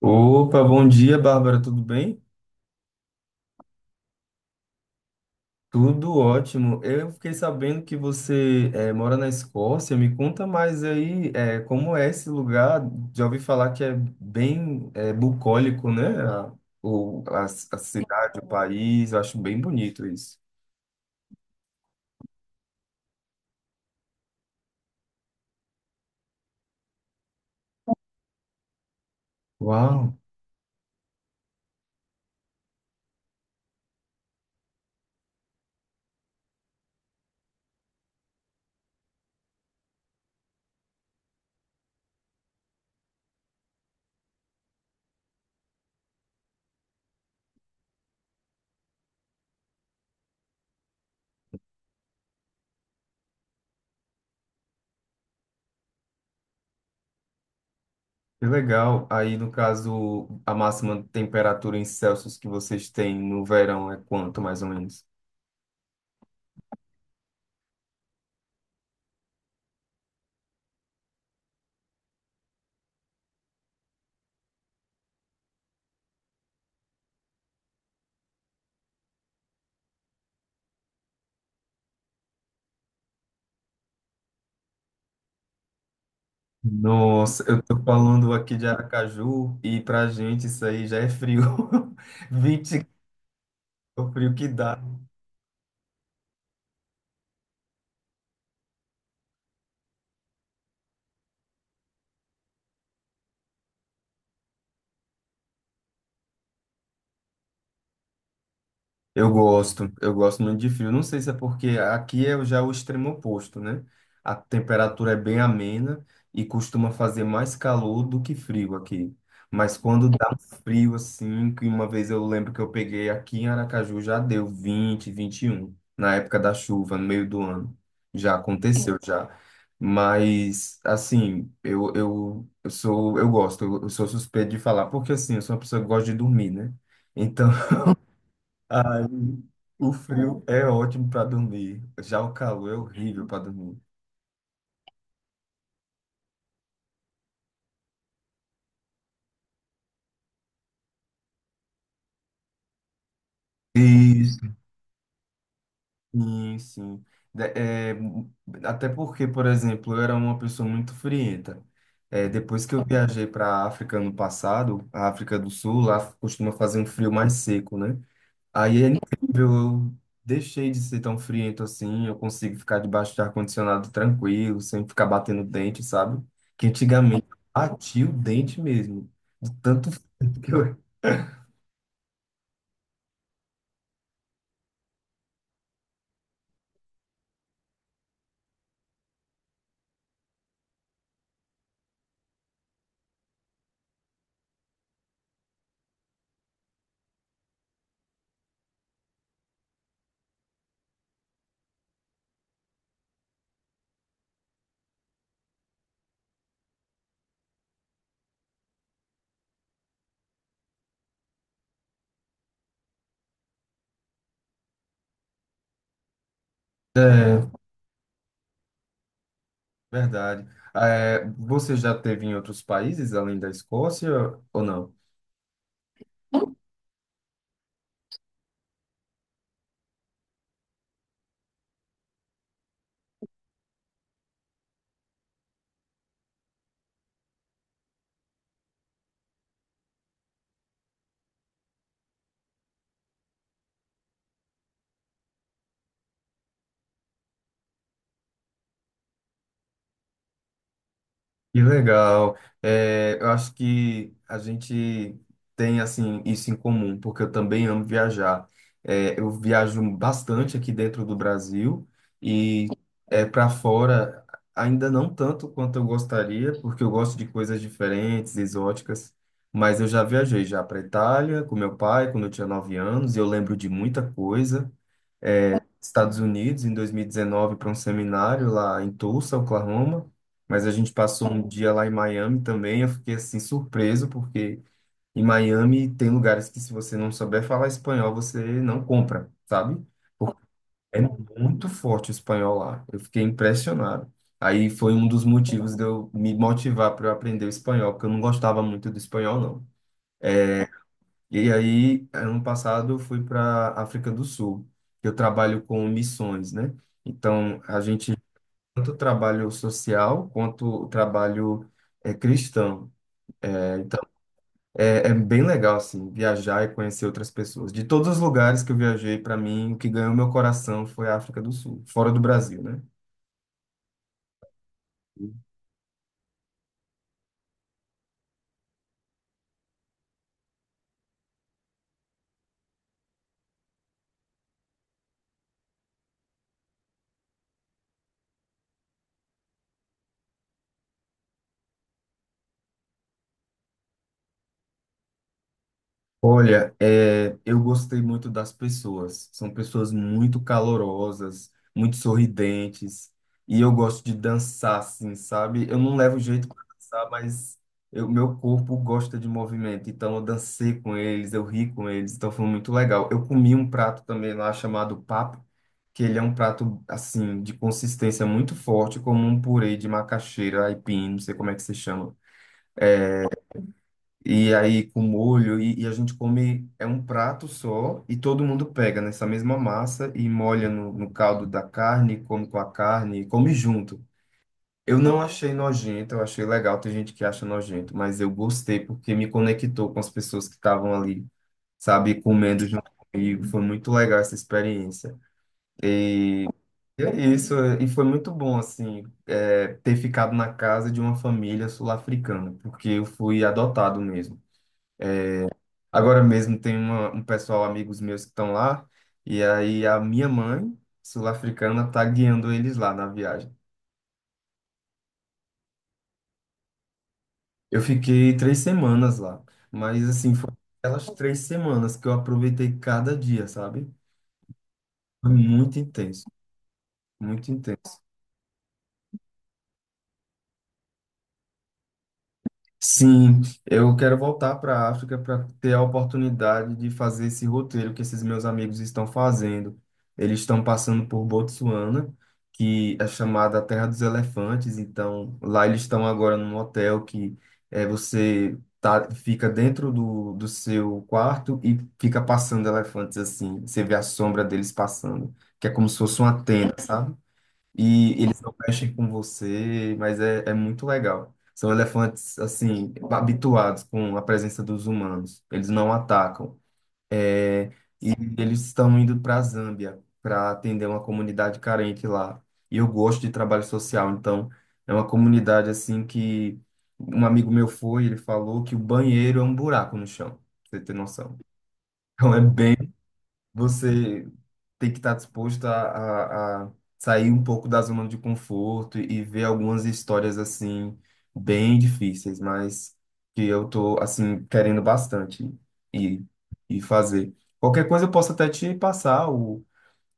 Opa, bom dia, Bárbara, tudo bem? Tudo ótimo. Eu fiquei sabendo que você mora na Escócia. Me conta mais aí, como é esse lugar. Já ouvi falar que é bem bucólico, né? A cidade, o país. Eu acho bem bonito isso. Uau, que legal. Aí, no caso, a máxima temperatura em Celsius que vocês têm no verão é quanto, mais ou menos? Nossa, eu tô falando aqui de Aracaju e pra gente isso aí já é frio. 20 é o frio que dá. Eu gosto muito de frio. Não sei se é porque aqui é já o extremo oposto, né? A temperatura é bem amena e costuma fazer mais calor do que frio aqui. Mas quando dá um frio assim, que uma vez eu lembro que eu peguei aqui em Aracaju, já deu 20, 21 na época da chuva, no meio do ano. Já aconteceu, já. Mas, assim, eu sou, eu gosto, eu sou suspeito de falar, porque assim, eu sou uma pessoa que gosta de dormir, né? Então, ai, o frio é ótimo para dormir, já o calor é horrível para dormir. Isso. Sim, sim. É, até porque, por exemplo, eu era uma pessoa muito frienta. É, depois que eu viajei para a África no passado, a África do Sul, lá costuma fazer um frio mais seco, né? Aí é incrível, eu deixei de ser tão friento assim, eu consigo ficar debaixo de ar-condicionado tranquilo, sem ficar batendo dente, sabe? Que antigamente eu batia o dente mesmo, de tanto frio que eu... É, verdade. É, você já teve em outros países além da Escócia ou não? Que legal. É, eu acho que a gente tem assim isso em comum, porque eu também amo viajar. É, eu viajo bastante aqui dentro do Brasil e para fora ainda não tanto quanto eu gostaria, porque eu gosto de coisas diferentes, exóticas. Mas eu já viajei já para Itália com meu pai quando eu tinha 9 anos e eu lembro de muita coisa. Estados Unidos em 2019 para um seminário lá em Tulsa, Oklahoma, mas a gente passou um dia lá em Miami também. Eu fiquei assim surpreso porque em Miami tem lugares que se você não souber falar espanhol, você não compra, sabe? Porque é muito forte o espanhol lá. Eu fiquei impressionado. Aí foi um dos motivos de eu me motivar para eu aprender o espanhol, porque eu não gostava muito do espanhol, não. E aí, ano passado, eu fui para África do Sul. Que eu trabalho com missões, né? Então, a gente tanto o trabalho social quanto o trabalho cristão. É, então, é bem legal, assim, viajar e conhecer outras pessoas. De todos os lugares que eu viajei, para mim, o que ganhou meu coração foi a África do Sul, fora do Brasil, né? Olha, é, eu gostei muito das pessoas. São pessoas muito calorosas, muito sorridentes. E eu gosto de dançar, assim, sabe? Eu não levo jeito para dançar, mas eu, meu corpo gosta de movimento. Então eu dancei com eles, eu ri com eles. Então foi muito legal. Eu comi um prato também lá chamado papo, que ele é um prato, assim, de consistência muito forte, como um purê de macaxeira, aipim, não sei como é que se chama. E aí com molho, e a gente come, é um prato só, e todo mundo pega nessa mesma massa e molha no caldo da carne, come com a carne, come junto. Eu não achei nojento, eu achei legal, tem gente que acha nojento, mas eu gostei porque me conectou com as pessoas que estavam ali, sabe, comendo junto comigo, foi muito legal essa experiência. E é isso, é, e foi muito bom, assim, é, ter ficado na casa de uma família sul-africana, porque eu fui adotado mesmo. Agora mesmo tem uma, um pessoal, amigos meus que estão lá, e aí a minha mãe, sul-africana, tá guiando eles lá na viagem. Eu fiquei 3 semanas lá, mas assim, foram aquelas 3 semanas que eu aproveitei cada dia, sabe? Foi muito intenso, muito intenso. Sim, eu quero voltar para a África para ter a oportunidade de fazer esse roteiro que esses meus amigos estão fazendo. Eles estão passando por Botsuana, que é chamada a Terra dos Elefantes. Então, lá eles estão agora num hotel que é, você tá, fica dentro do seu quarto e fica passando elefantes assim. Você vê a sombra deles passando, que é como se fosse uma tenda, sabe? E eles não mexem com você, mas é, é muito legal. São elefantes, assim, habituados com a presença dos humanos. Eles não atacam. É, e eles estão indo para a Zâmbia para atender uma comunidade carente lá. E eu gosto de trabalho social, então é uma comunidade assim que um amigo meu foi, ele falou que o banheiro é um buraco no chão, pra você ter noção. Então é bem, você tem que estar disposto a sair um pouco da zona de conforto e ver algumas histórias assim bem difíceis, mas que eu tô assim querendo bastante e e fazer. Qualquer coisa eu posso até te passar o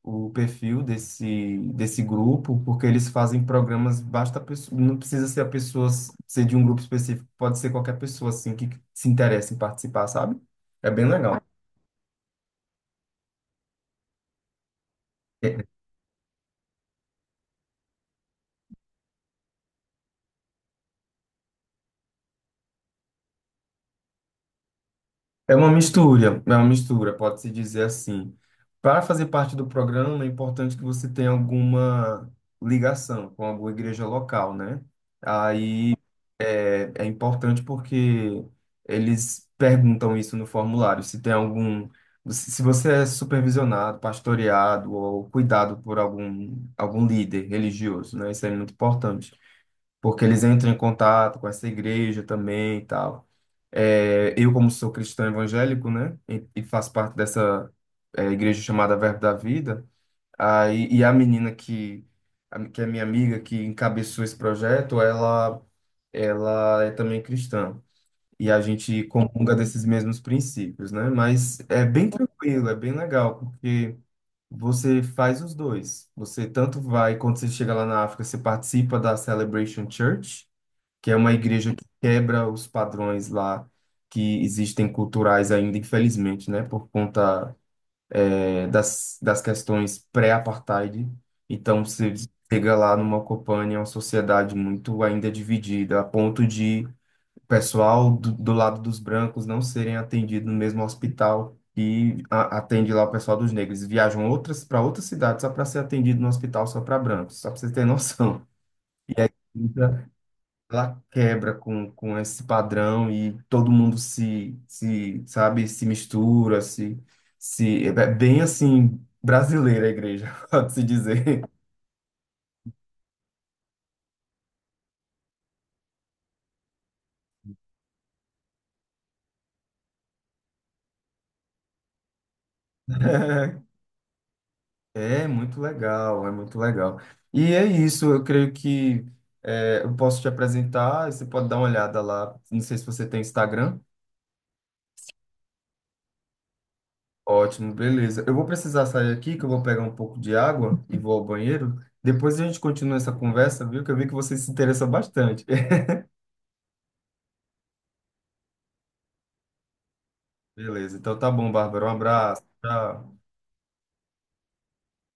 o perfil desse grupo, porque eles fazem programas, basta a pessoa, não precisa ser a pessoa ser de um grupo específico, pode ser qualquer pessoa assim que se interessa em participar, sabe? É bem legal. É uma mistura, pode-se dizer assim. Para fazer parte do programa, é importante que você tenha alguma ligação com alguma igreja local, né? Aí é, é importante porque eles perguntam isso no formulário, se tem algum, se você é supervisionado, pastoreado ou cuidado por algum, algum líder religioso, né? Isso é muito importante porque eles entram em contato com essa igreja também e tal. É, eu, como sou cristão evangélico, né, e faço parte dessa é, igreja chamada Verbo da Vida, aí, e a menina que, que é minha amiga, que encabeçou esse projeto, ela é também cristã. E a gente comunga desses mesmos princípios, né? Mas é bem tranquilo, é bem legal, porque você faz os dois. Você tanto vai, quando você chega lá na África, você participa da Celebration Church, que é uma igreja que quebra os padrões lá que existem culturais ainda, infelizmente, né, por conta das questões pré-apartheid. Então, você chega lá numa Copânia, uma sociedade muito ainda dividida, a ponto de o pessoal do, do lado dos brancos não serem atendidos no mesmo hospital que atende lá o pessoal dos negros. Viajam outras para outras cidades só para ser atendido no hospital só para brancos, só para você ter noção. Então, ela quebra com esse padrão e todo mundo se, se, sabe, se mistura, se, é bem assim, brasileira a igreja, pode-se dizer. É é muito legal, é muito legal. E é isso, eu creio que é, eu posso te apresentar, você pode dar uma olhada lá. Não sei se você tem Instagram. Ótimo, beleza. Eu vou precisar sair aqui, que eu vou pegar um pouco de água e vou ao banheiro. Depois a gente continua essa conversa, viu? Que eu vi que você se interessa bastante. Beleza, então tá bom, Bárbara. Um abraço. Tchau.